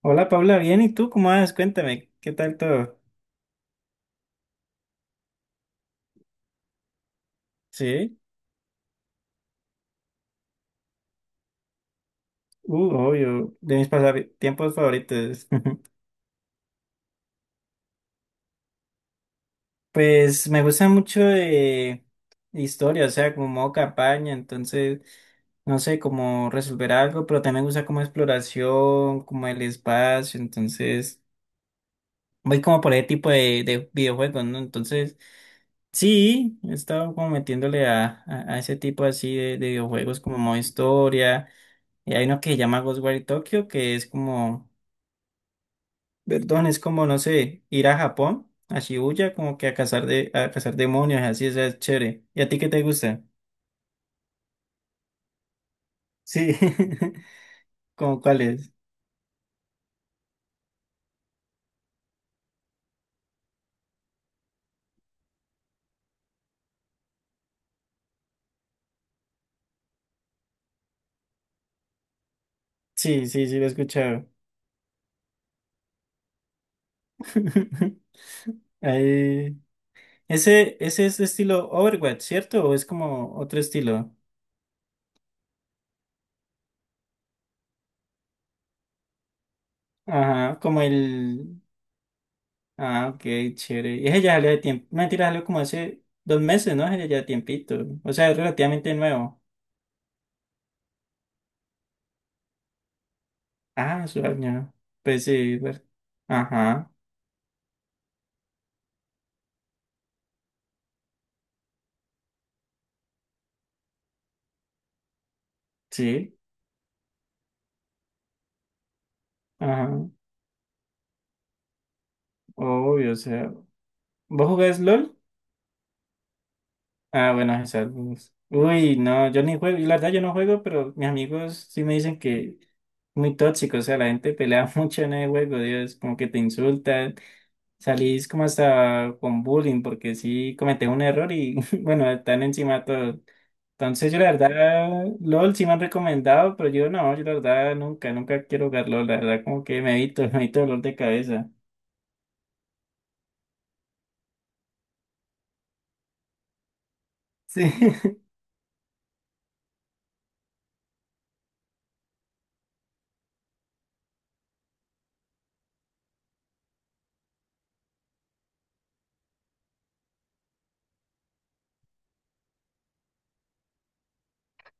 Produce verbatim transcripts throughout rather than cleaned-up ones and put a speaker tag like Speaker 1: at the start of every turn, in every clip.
Speaker 1: Hola Paula, bien, ¿y tú cómo vas? Cuéntame, ¿qué tal todo? Sí. Uh, obvio, de mis pasatiempos favoritos. Pues me gusta mucho de historia, o sea, como modo campaña, entonces, no sé, cómo resolver algo, pero también me gusta como exploración, como el espacio, entonces, voy como por ese tipo de, de videojuegos, ¿no? Entonces, sí, he estado como metiéndole a, a, a ese tipo así de, de videojuegos como modo historia. Y hay uno que se llama Ghostwire Tokyo, que es como, perdón, es como, no sé, ir a Japón, a Shibuya, como que a cazar de, a cazar demonios, así, o sea, es chévere. ¿Y a ti qué te gusta? Sí. ¿Cómo cuál es? Sí, sí, sí, lo he escuchado. Ahí- Ese, ese es de estilo Overwatch, ¿cierto? ¿O es como otro estilo? Ajá, como el... Ah, ok, chévere. Y ese ya salió de tiempo. No, mentira, salió como hace dos meses, ¿no? Ese ya tiempito. O sea, es relativamente nuevo. Ah, sueño. Pues sí, ver- ajá, sí, ajá, obvio, o sea. ¿Vos jugás LOL? Ah, bueno, esa. Pues, uy, no, yo ni juego, y la verdad yo no juego, pero mis amigos sí me dicen que es muy tóxico, o sea, la gente pelea mucho en el juego, Dios, como que te insultan. Salís como hasta con bullying porque sí cometés un error y bueno, están encima todos. Entonces yo la verdad, LOL sí me han recomendado, pero yo no, yo la verdad nunca, nunca quiero jugar LOL, la verdad como que me evito, me evito dolor de cabeza. Sí.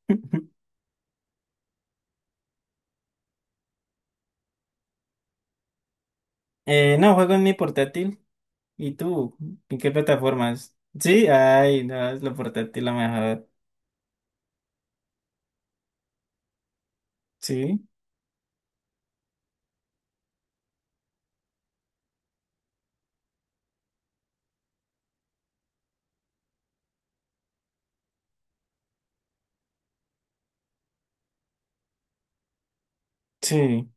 Speaker 1: Eh, no, juego en mi portátil. ¿Y tú? ¿En qué plataformas? Sí, ay, no, es la portátil la mejor. Sí, sí,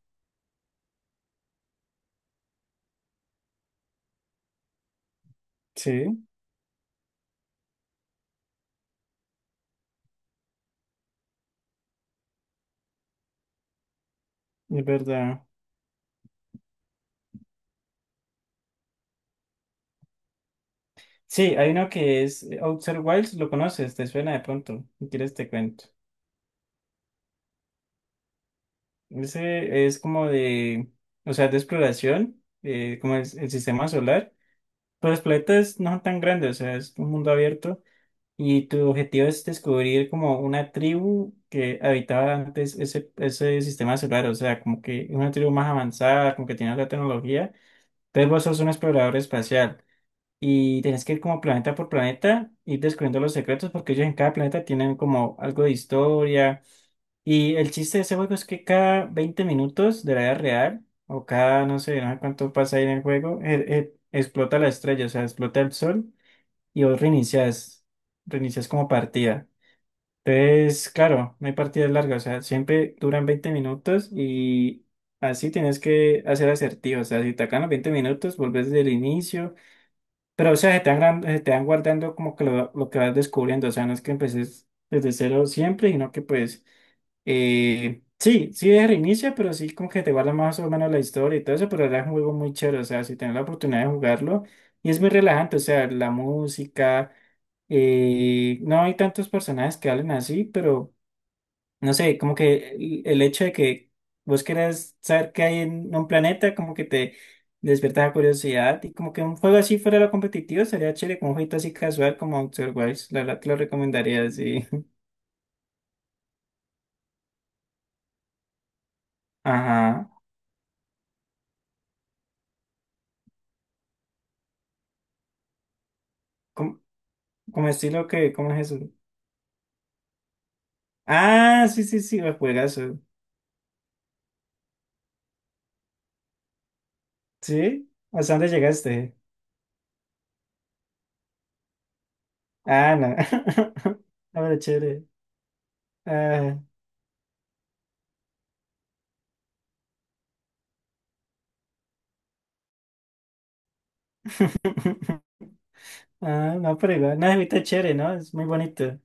Speaker 1: sí, es verdad. Sí, hay uno que es eh, Outer Wilds, ¿lo conoces? ¿Te suena de pronto? Si quieres te cuento. Ese es como de, o sea, de exploración, eh, como es el sistema solar. Pero los planetas no son tan grandes, o sea, es un mundo abierto. Y tu objetivo es descubrir como una tribu que habitaba antes ese, ese sistema solar, o sea, como que es una tribu más avanzada, como que tiene otra tecnología. Entonces vos sos un explorador espacial y tenés que ir como planeta por planeta, ir descubriendo los secretos, porque ellos en cada planeta tienen como algo de historia y el chiste de ese juego es que cada veinte minutos de la vida real, o cada, no sé, no sé cuánto pasa ahí en el juego, eh, eh, explota la estrella, o sea, explota el sol y vos reinicias, reinicias como partida. Entonces, claro, no hay partidas largas, o sea, siempre duran veinte minutos y así tienes que hacer asertivo, o sea, si te acaban los veinte minutos, volvés desde el inicio, pero o sea, se te van, gran- se te van guardando como que lo, lo que vas descubriendo, o sea, no es que empeces desde cero siempre, sino que pues... Eh, sí, sí es reinicia, pero sí como que te guarda más o menos la historia y todo eso, pero ahora es un juego muy chévere, o sea, si tienes la oportunidad de jugarlo, y es muy relajante, o sea, la música, eh, no hay tantos personajes que hablen así, pero no sé, como que el, el hecho de que vos querés saber qué hay en un planeta, como que te despierta la curiosidad, y como que un juego así fuera lo competitivo, sería chévere, como un jueguito así casual como Outer Wilds, la verdad te lo recomendaría, sí. Ajá. Como estilo que, ¿cómo es eso? Ah, sí, sí, sí, juegazo. ¿Sí? ¿Hasta dónde llegaste? Ah, no. No, pero chévere. Ah, ah no, pero igual. No, ahorita es chévere, ¿no? Es muy bonito.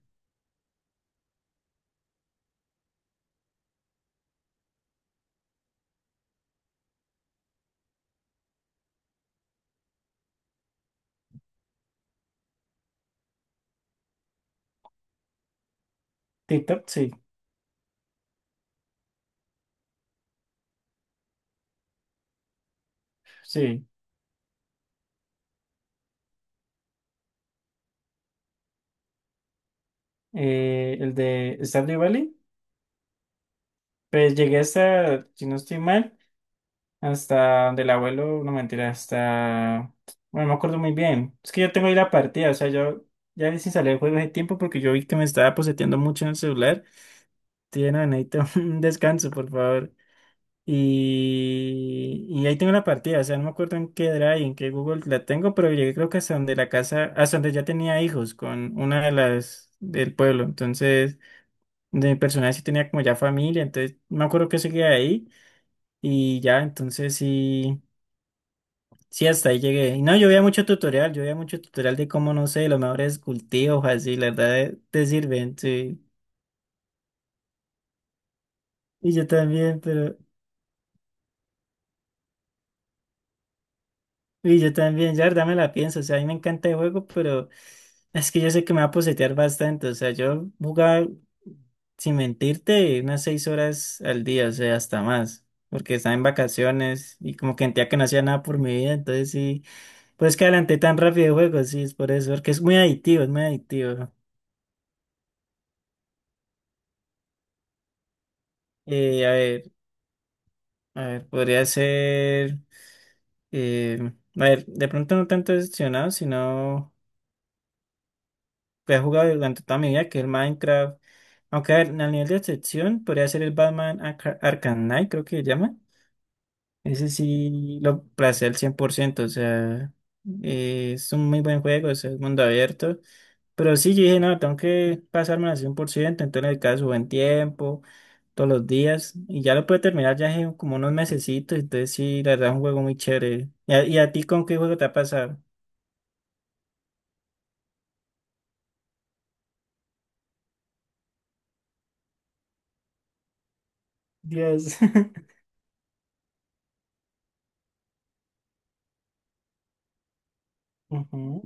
Speaker 1: TikTok, sí, sí. Eh, el de Stardew Valley, pues llegué hasta, si no estoy mal, hasta donde el abuelo, no mentira, hasta. Bueno, no me acuerdo muy bien. Es que yo tengo ahí la partida, o sea, yo ya sin salir del juego de tiempo porque yo vi que me estaba poseteando mucho en el celular. Tiene no, necesito un descanso, por favor. Y, y ahí tengo la partida, o sea, no me acuerdo en qué Drive, en qué Google la tengo, pero llegué creo que hasta donde la casa, hasta donde ya tenía hijos con una de las del pueblo. Entonces, de mi personaje sí tenía como ya familia, entonces me acuerdo que seguía ahí y ya, entonces sí, sí, hasta ahí llegué. Y no, yo veía mucho tutorial, yo veía mucho tutorial de cómo, no sé, los mejores cultivos, así, la verdad, eh, te sirven, sí. Y yo también, pero... Y yo también, ya la verdad me la pienso, o sea, a mí me encanta el juego, pero es que yo sé que me va a posetear bastante, o sea, yo jugaba, sin mentirte, unas seis horas al día, o sea, hasta más, porque estaba en vacaciones y como que sentía que no hacía nada por mi vida, entonces sí, pues que adelanté tan rápido el juego, sí, es por eso, porque es muy adictivo, es muy adictivo. Eh, a ver, a ver, podría ser, eh, a ver, de pronto no tanto decepcionado, sino... que he jugado durante toda mi vida, que es el Minecraft. Aunque a ver, al nivel de excepción, podría ser el Batman Arca- Arkham Knight, creo que se llama. Ese sí lo placé al cien por ciento, o sea, eh, es un muy buen juego, o sea, es mundo abierto. Pero sí, yo dije, no, tengo que pasarme al cien por ciento entonces el caso buen tiempo, todos los días, y ya lo pude terminar ya en como unos mesecitos, entonces sí, la verdad es un juego muy chévere. ¿Y a, y a ti con qué juego te ha pasado? Dios. Ujú.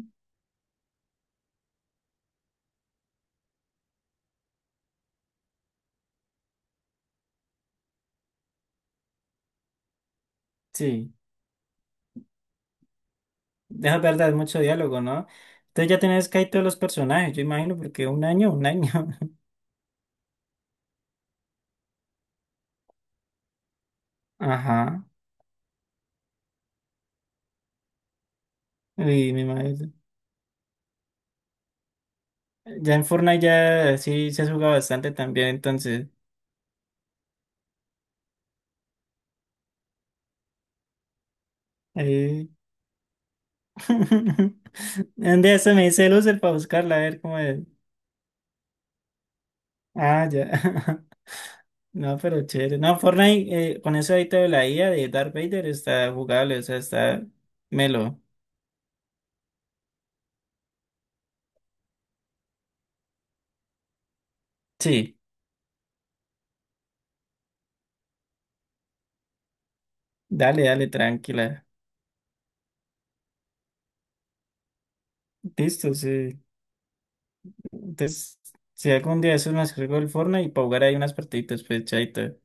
Speaker 1: Sí. Es verdad, es mucho diálogo, ¿no? Entonces ya tenés casi todos los personajes, yo imagino, porque un año, un año. Ajá. Y mi madre. Ya en Fortnite ya sí se juega bastante también, entonces. Eh... Un día se me dice loser para buscarla, a ver cómo es. Ah, ya. No, pero chévere. No, Fortnite, eh, con eso ahorita de la I A de Darth Vader está jugable, o sea, está melo. Sí, dale, dale, tranquila. Listo, sí. Entonces, si algún día eso me descargo el Fortnite y para jugar ahí unas partiditas, pues chaito.